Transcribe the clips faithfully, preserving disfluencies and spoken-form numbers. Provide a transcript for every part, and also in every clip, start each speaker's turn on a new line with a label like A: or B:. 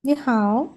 A: 你好，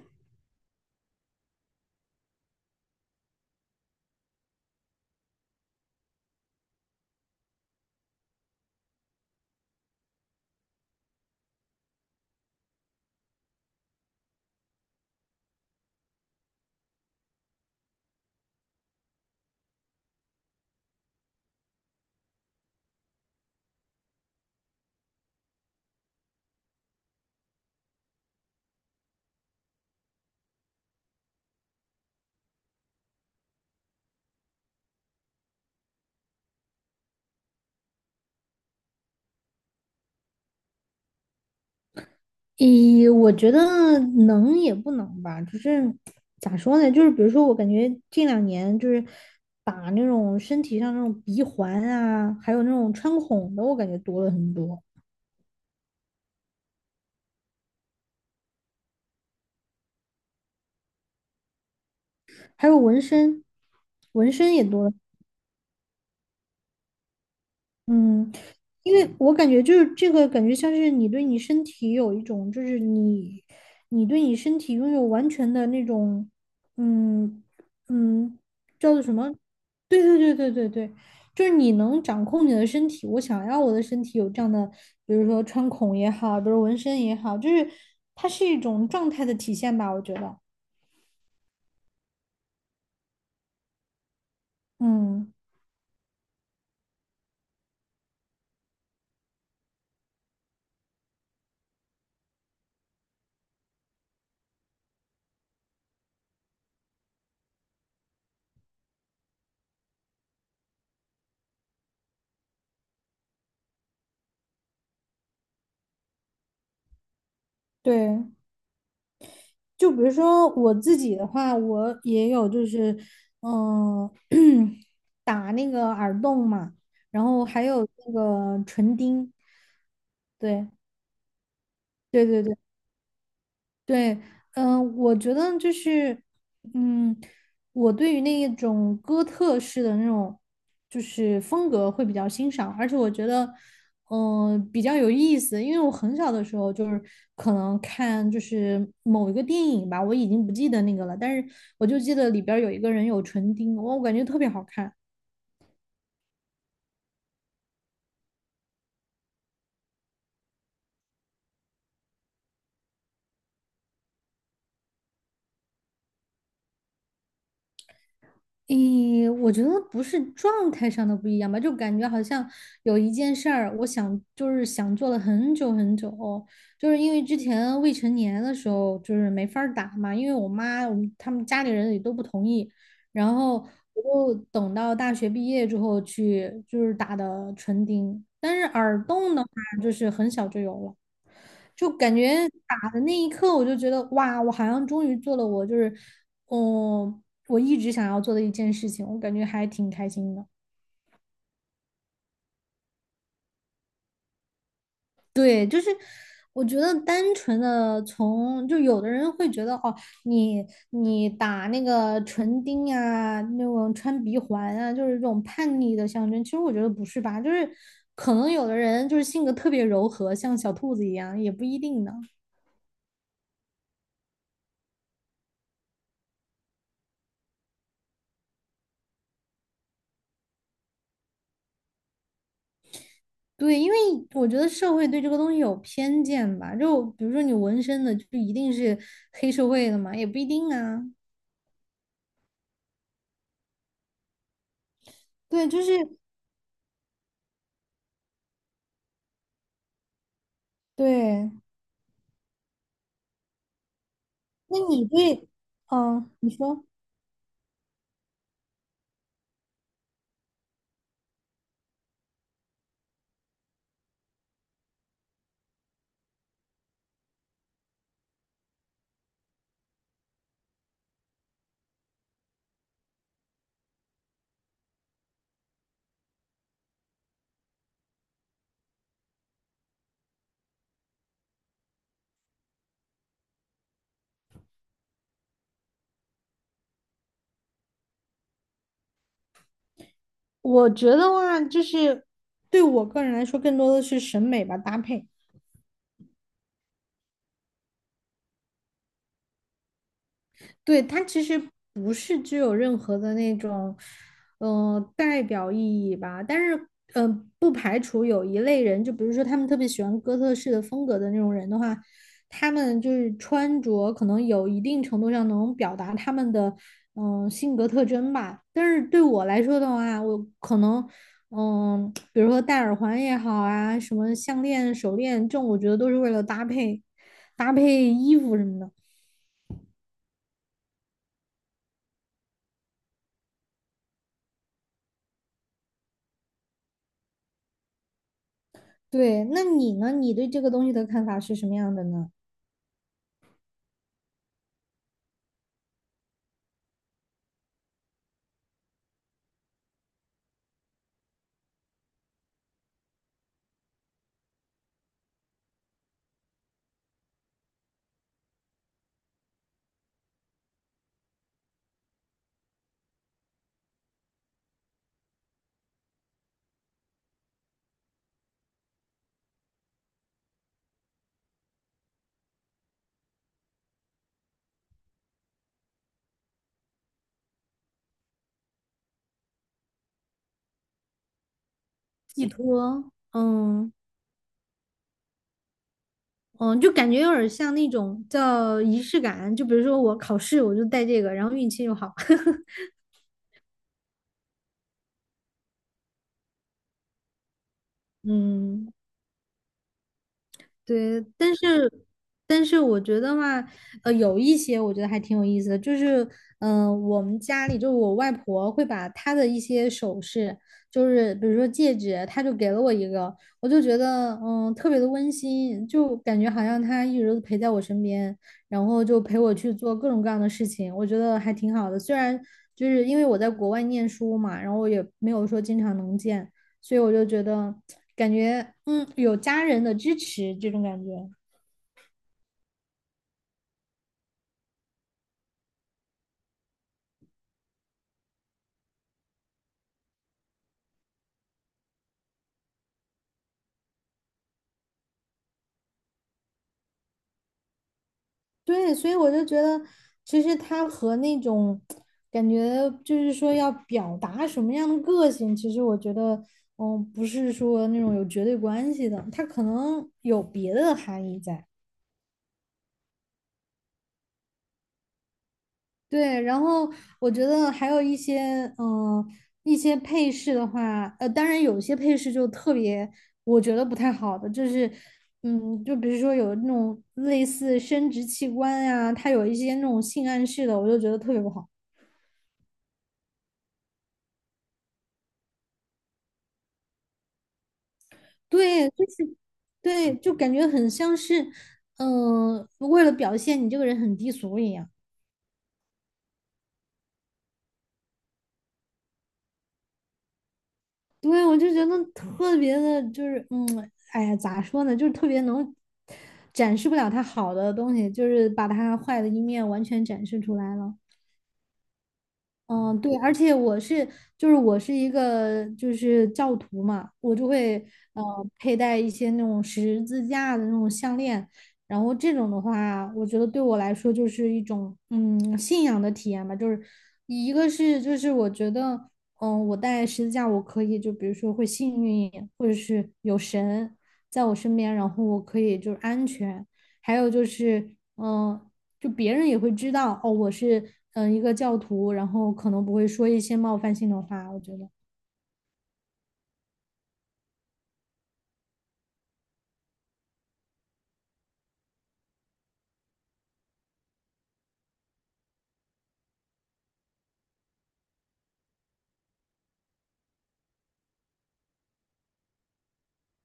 A: 咦，我觉得能也不能吧，就是咋说呢？就是比如说，我感觉近两年就是打那种身体上那种鼻环啊，还有那种穿孔的，我感觉多了很多，还有纹身，纹身也多了。嗯，因为我感觉就是这个感觉像是你对你身体有一种，就是你你对你身体拥有完全的那种，嗯嗯，叫做什么？对对对对对对，就是你能掌控你的身体。我想要我的身体有这样的，比如说穿孔也好，比如纹身也好，就是它是一种状态的体现吧，我觉得。嗯，对。就比如说我自己的话，我也有就是，嗯、打那个耳洞嘛，然后还有那个唇钉，对对对对，对，嗯、我觉得就是，嗯，我对于那一种哥特式的那种就是风格会比较欣赏，而且我觉得，嗯、比较有意思，因为我很小的时候就是可能看就是某一个电影吧，我已经不记得那个了，但是我就记得里边儿有一个人有唇钉，我我感觉特别好看。诶，我觉得不是状态上的不一样吧，就感觉好像有一件事儿，我想就是想做了很久很久，就是因为之前未成年的时候就是没法儿打嘛，因为我妈我们他们家里人也都不同意，然后我就等到大学毕业之后去就是打的唇钉，但是耳洞呢？就是很小就有了。就感觉打的那一刻，我就觉得哇，我好像终于做了我就是，嗯，我一直想要做的一件事情，我感觉还挺开心的。对，就是我觉得单纯的从，就有的人会觉得哦，你你打那个唇钉啊，那种穿鼻环啊，就是这种叛逆的象征。其实我觉得不是吧，就是可能有的人就是性格特别柔和，像小兔子一样，也不一定呢。对，因为我觉得社会对这个东西有偏见吧，就比如说你纹身的，就一定是黑社会的嘛，也不一定啊。对，就是对。那你对，嗯，你说，我觉得话就是对我个人来说，更多的是审美吧，搭配。对，它其实不是具有任何的那种，嗯呃，代表意义吧。但是，嗯呃，不排除有一类人，就比如说他们特别喜欢哥特式的风格的那种人的话，他们就是穿着可能有一定程度上能表达他们的，嗯、性格特征吧。但是对我来说的话，我可能。嗯，比如说戴耳环也好啊，什么项链、手链，这种我觉得都是为了搭配、搭配衣服什么的。对，那你呢？你对这个东西的看法是什么样的呢？寄托，嗯嗯，就感觉有点像那种叫仪式感，就比如说我考试我就带这个，然后运气又好，嗯。对，但是但是我觉得话，呃，有一些我觉得还挺有意思的，就是嗯、呃我们家里就是我外婆会把她的一些首饰，就是比如说戒指，她就给了我一个，我就觉得嗯特别的温馨，就感觉好像她一直都陪在我身边，然后就陪我去做各种各样的事情，我觉得还挺好的。虽然就是因为我在国外念书嘛，然后我也没有说经常能见。所以我就觉得感觉嗯有家人的支持这种感觉，对，所以我就觉得其实他和那种感觉就是说要表达什么样的个性，其实我觉得嗯不是说那种有绝对关系的，他可能有别的含义在。对，然后我觉得还有一些，嗯、一些配饰的话，呃，当然有些配饰就特别，我觉得不太好的，就是，嗯，就比如说有那种类似生殖器官呀、它有一些那种性暗示的，我就觉得特别不好。对，就是，对，就感觉很像是，嗯、为了表现你这个人很低俗一样。对，我就觉得特别的，就是嗯，哎呀，咋说呢，就是特别能展示不了他好的东西，就是把他坏的一面完全展示出来了。嗯，对，而且我是，就是我是一个就是教徒嘛，我就会呃佩戴一些那种十字架的那种项链，然后这种的话，我觉得对我来说就是一种嗯信仰的体验吧，就是一个是就是我觉得嗯我戴十字架我可以就比如说会幸运一点，或者是有神在我身边，然后我可以就是安全，还有就是嗯。呃就别人也会知道哦，我是嗯、呃一个教徒，然后可能不会说一些冒犯性的话，我觉得。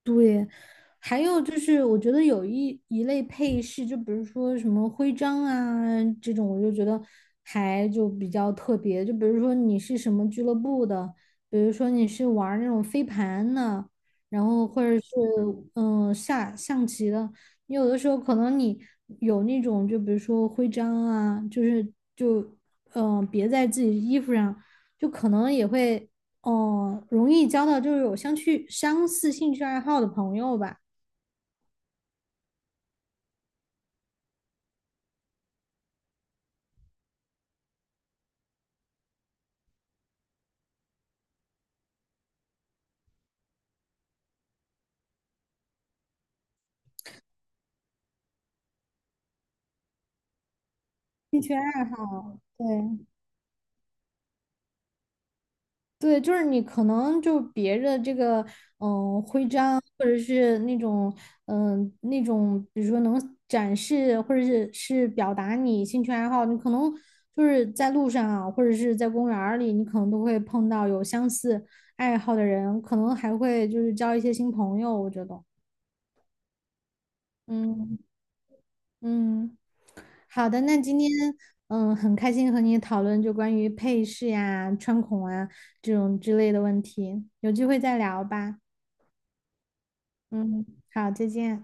A: 对，还有就是，我觉得有一一类配饰，就比如说什么徽章啊这种，我就觉得还就比较特别。就比如说你是什么俱乐部的，比如说你是玩儿那种飞盘的，然后或者是嗯下象棋的，你有的时候可能你有那种，就比如说徽章啊，就是就嗯别在自己衣服上，就可能也会。哦，容易交到就是有相去相似兴趣爱好的朋友吧，兴趣爱好，对对，就是你可能就别的这个嗯、呃徽章，或者是那种嗯、呃那种，比如说能展示或者是是表达你兴趣爱好，你可能就是在路上啊，或者是在公园儿里，你可能都会碰到有相似爱好的人，可能还会就是交一些新朋友，我觉得，嗯。嗯，好的，那今天嗯很开心和你讨论就关于配饰呀、穿孔啊这种之类的问题，有机会再聊吧。嗯，好，再见。